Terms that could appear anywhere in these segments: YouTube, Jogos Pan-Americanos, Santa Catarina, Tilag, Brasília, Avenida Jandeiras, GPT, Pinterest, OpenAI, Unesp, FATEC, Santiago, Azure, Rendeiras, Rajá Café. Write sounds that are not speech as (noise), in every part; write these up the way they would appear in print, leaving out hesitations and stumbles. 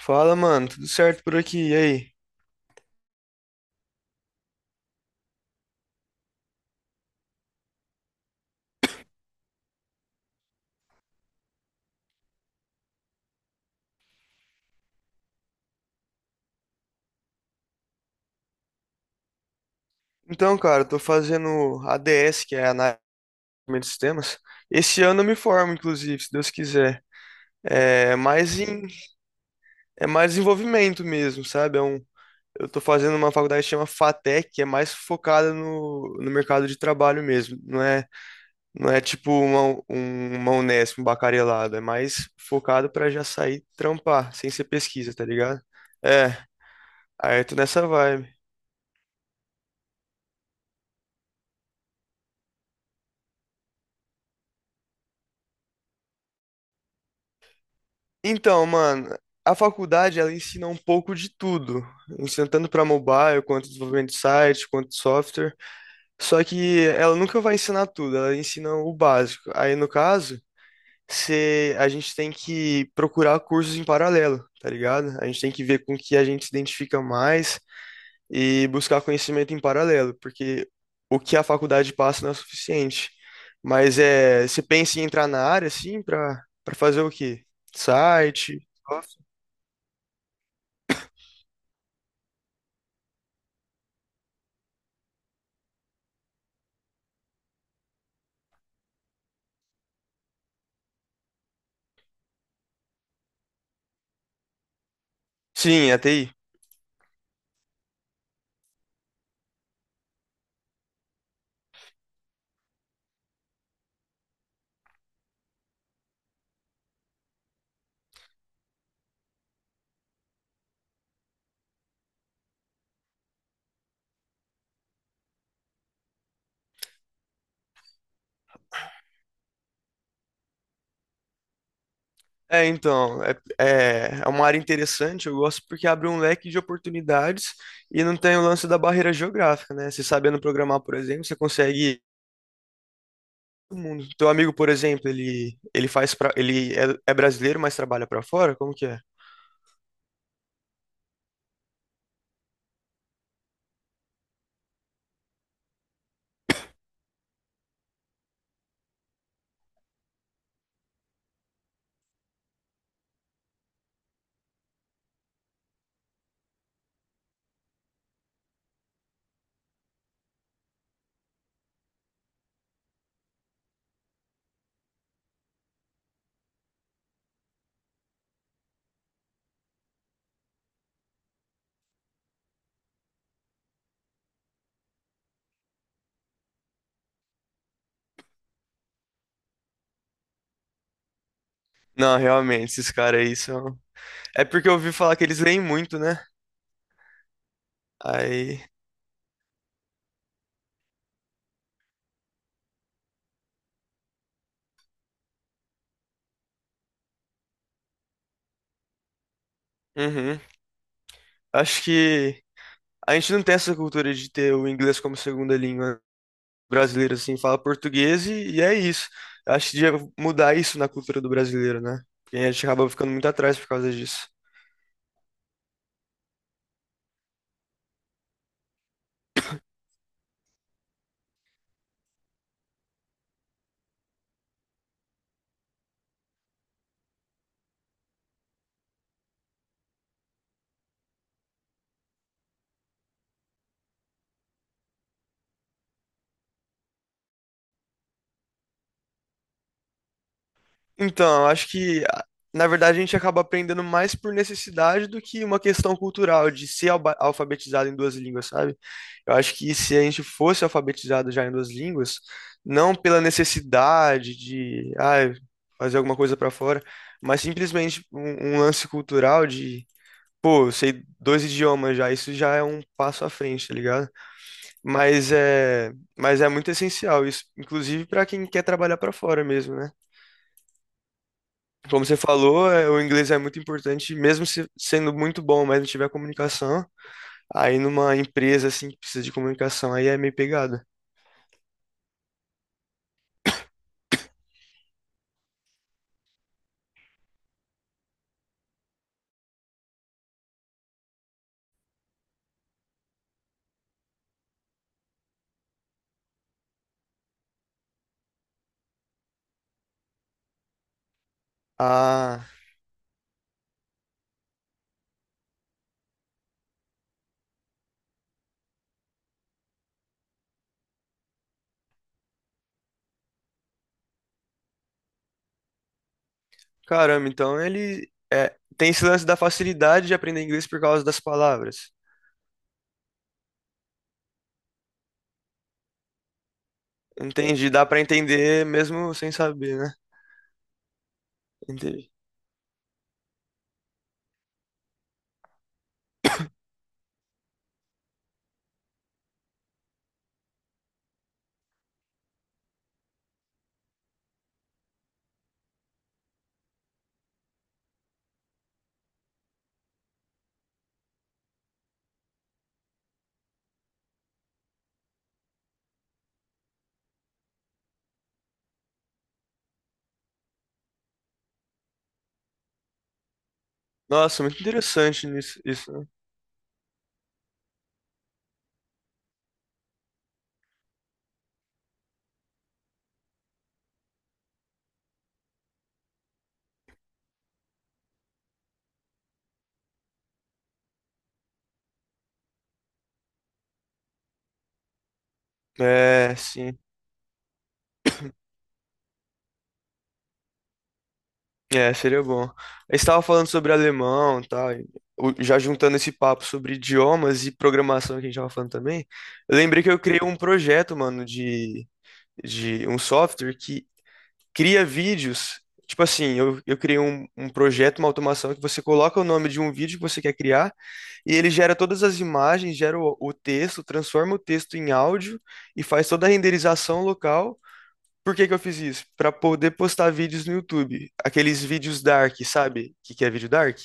Fala, mano, tudo certo por aqui? E aí? Então, cara, eu tô fazendo ADS, que é Análise de Desenvolvimento de Sistemas. Esse ano eu me formo, inclusive, se Deus quiser. É mais em, é mais desenvolvimento mesmo, sabe? Eu tô fazendo uma faculdade que chama FATEC, que é mais focada no mercado de trabalho mesmo. Não é tipo uma Unesp, um bacharelado. É mais focado pra já sair trampar, sem ser pesquisa, tá ligado? É, aí eu tô nessa vibe. Então, mano, a faculdade ela ensina um pouco de tudo, ensina tanto para mobile, quanto desenvolvimento de site, quanto software. Só que ela nunca vai ensinar tudo, ela ensina o básico. Aí no caso, se a gente tem que procurar cursos em paralelo, tá ligado? A gente tem que ver com o que a gente se identifica mais e buscar conhecimento em paralelo, porque o que a faculdade passa não é suficiente. Mas é, você pensa em entrar na área assim para fazer o quê? Site, sim, a TI. É, então, é uma área interessante, eu gosto porque abre um leque de oportunidades e não tem o lance da barreira geográfica, né? Você sabendo programar, por exemplo, você consegue todo mundo. Teu amigo, por exemplo, ele faz pra, é brasileiro, mas trabalha pra fora? Como que é? Não, realmente, esses caras aí são. É porque eu ouvi falar que eles leem muito, né? Aí, uhum. Acho que a gente não tem essa cultura de ter o inglês como segunda língua. Brasileiro assim fala português e é isso. Eu acho que devia mudar isso na cultura do brasileiro, né? Porque a gente acaba ficando muito atrás por causa disso. Então, eu acho que na verdade a gente acaba aprendendo mais por necessidade do que uma questão cultural de ser alfabetizado em duas línguas, sabe? Eu acho que se a gente fosse alfabetizado já em duas línguas, não pela necessidade de, ah, fazer alguma coisa pra fora, mas simplesmente um lance cultural de pô, eu sei dois idiomas já, isso já é um passo à frente, tá ligado? Mas é muito essencial isso, inclusive pra quem quer trabalhar pra fora mesmo, né? Como você falou, é, o inglês é muito importante, mesmo sendo muito bom, mas não tiver comunicação, aí numa empresa assim que precisa de comunicação, aí é meio pegada. Ah, caramba, então ele é, tem esse lance da facilidade de aprender inglês por causa das palavras. Entendi, dá pra entender mesmo sem saber, né? Entendi. Nossa, muito interessante isso, né? É, sim. É, seria bom. Eu estava falando sobre alemão e tal, e já juntando esse papo sobre idiomas e programação que a gente estava falando também, eu lembrei que eu criei um projeto, mano, de um software que cria vídeos. Tipo assim, eu criei um projeto, uma automação que você coloca o nome de um vídeo que você quer criar e ele gera todas as imagens, gera o texto, transforma o texto em áudio e faz toda a renderização local. Por que que eu fiz isso? Pra poder postar vídeos no YouTube. Aqueles vídeos dark, sabe? O que que é vídeo dark?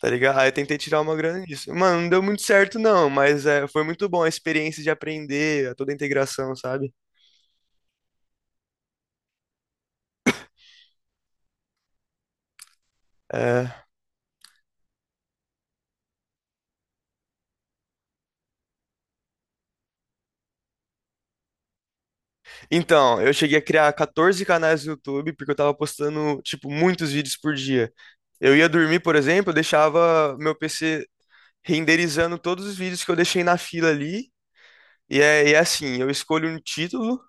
Tá ligado? Aí eu tentei tirar uma grana nisso. Mano, não deu muito certo não, mas é, foi muito bom a experiência de aprender, toda a integração, sabe? É. Então, eu cheguei a criar 14 canais no YouTube porque eu tava postando, tipo, muitos vídeos por dia. Eu ia dormir, por exemplo, eu deixava meu PC renderizando todos os vídeos que eu deixei na fila ali. E é assim, eu escolho um título,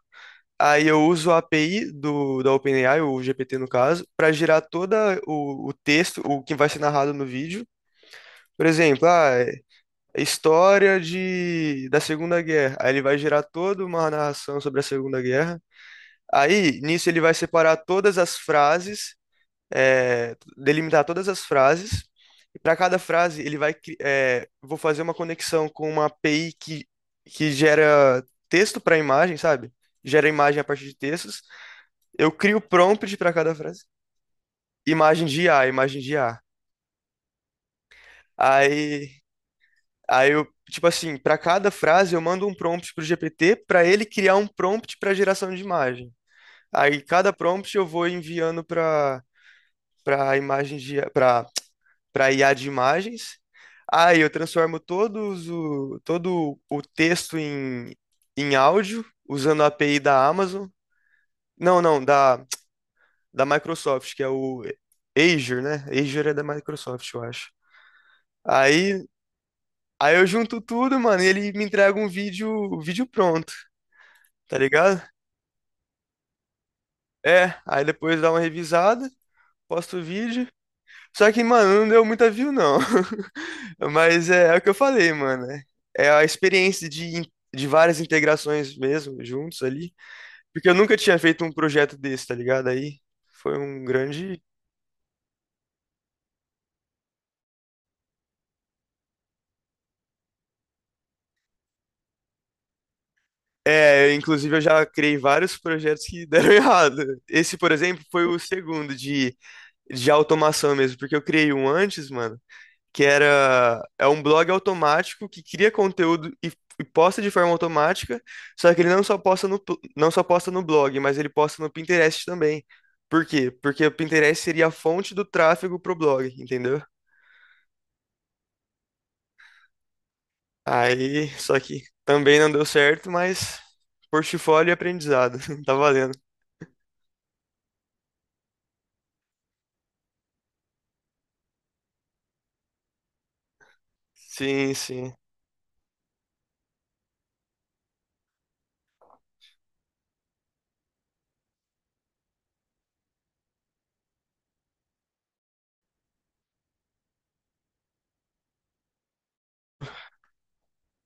aí eu uso a API da OpenAI, o GPT no caso, para gerar todo o texto, o que vai ser narrado no vídeo. Por exemplo, ah, é história de, da Segunda Guerra. Aí ele vai gerar toda uma narração sobre a Segunda Guerra. Aí, nisso, ele vai separar todas as frases, é, delimitar todas as frases. E para cada frase, ele vai, vou fazer uma conexão com uma API que gera texto para imagem, sabe? Gera imagem a partir de textos. Eu crio prompt para cada frase. Imagem de IA, imagem de IA. Aí, aí eu, tipo assim, para cada frase eu mando um prompt pro GPT para ele criar um prompt para geração de imagem. Aí cada prompt eu vou enviando para para IA de imagens. Aí eu transformo todo o texto em em áudio usando a API da Amazon. Não, não, da Microsoft, que é o Azure, né? Azure é da Microsoft, eu acho. Aí, aí eu junto tudo, mano, e ele me entrega um vídeo, vídeo pronto, tá ligado? É, aí depois dá uma revisada, posto o vídeo. Só que, mano, não deu muita view, não. (laughs) Mas é, é o que eu falei, mano. É a experiência de, de várias integrações mesmo, juntos ali. Porque eu nunca tinha feito um projeto desse, tá ligado? Aí foi um grande. É, inclusive eu já criei vários projetos que deram (laughs) errado. Esse, por exemplo, foi o segundo de automação mesmo, porque eu criei um antes, mano. Que era é um blog automático que cria conteúdo e posta de forma automática, só que ele não só posta no blog, mas ele posta no Pinterest também. Por quê? Porque o Pinterest seria a fonte do tráfego pro blog, entendeu? Aí, (laughs) só que também não deu certo, mas portfólio e aprendizado, (laughs) tá valendo. Sim, sim.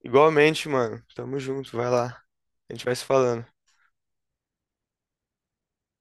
Igualmente, mano. Tamo junto, vai lá. A gente vai se falando.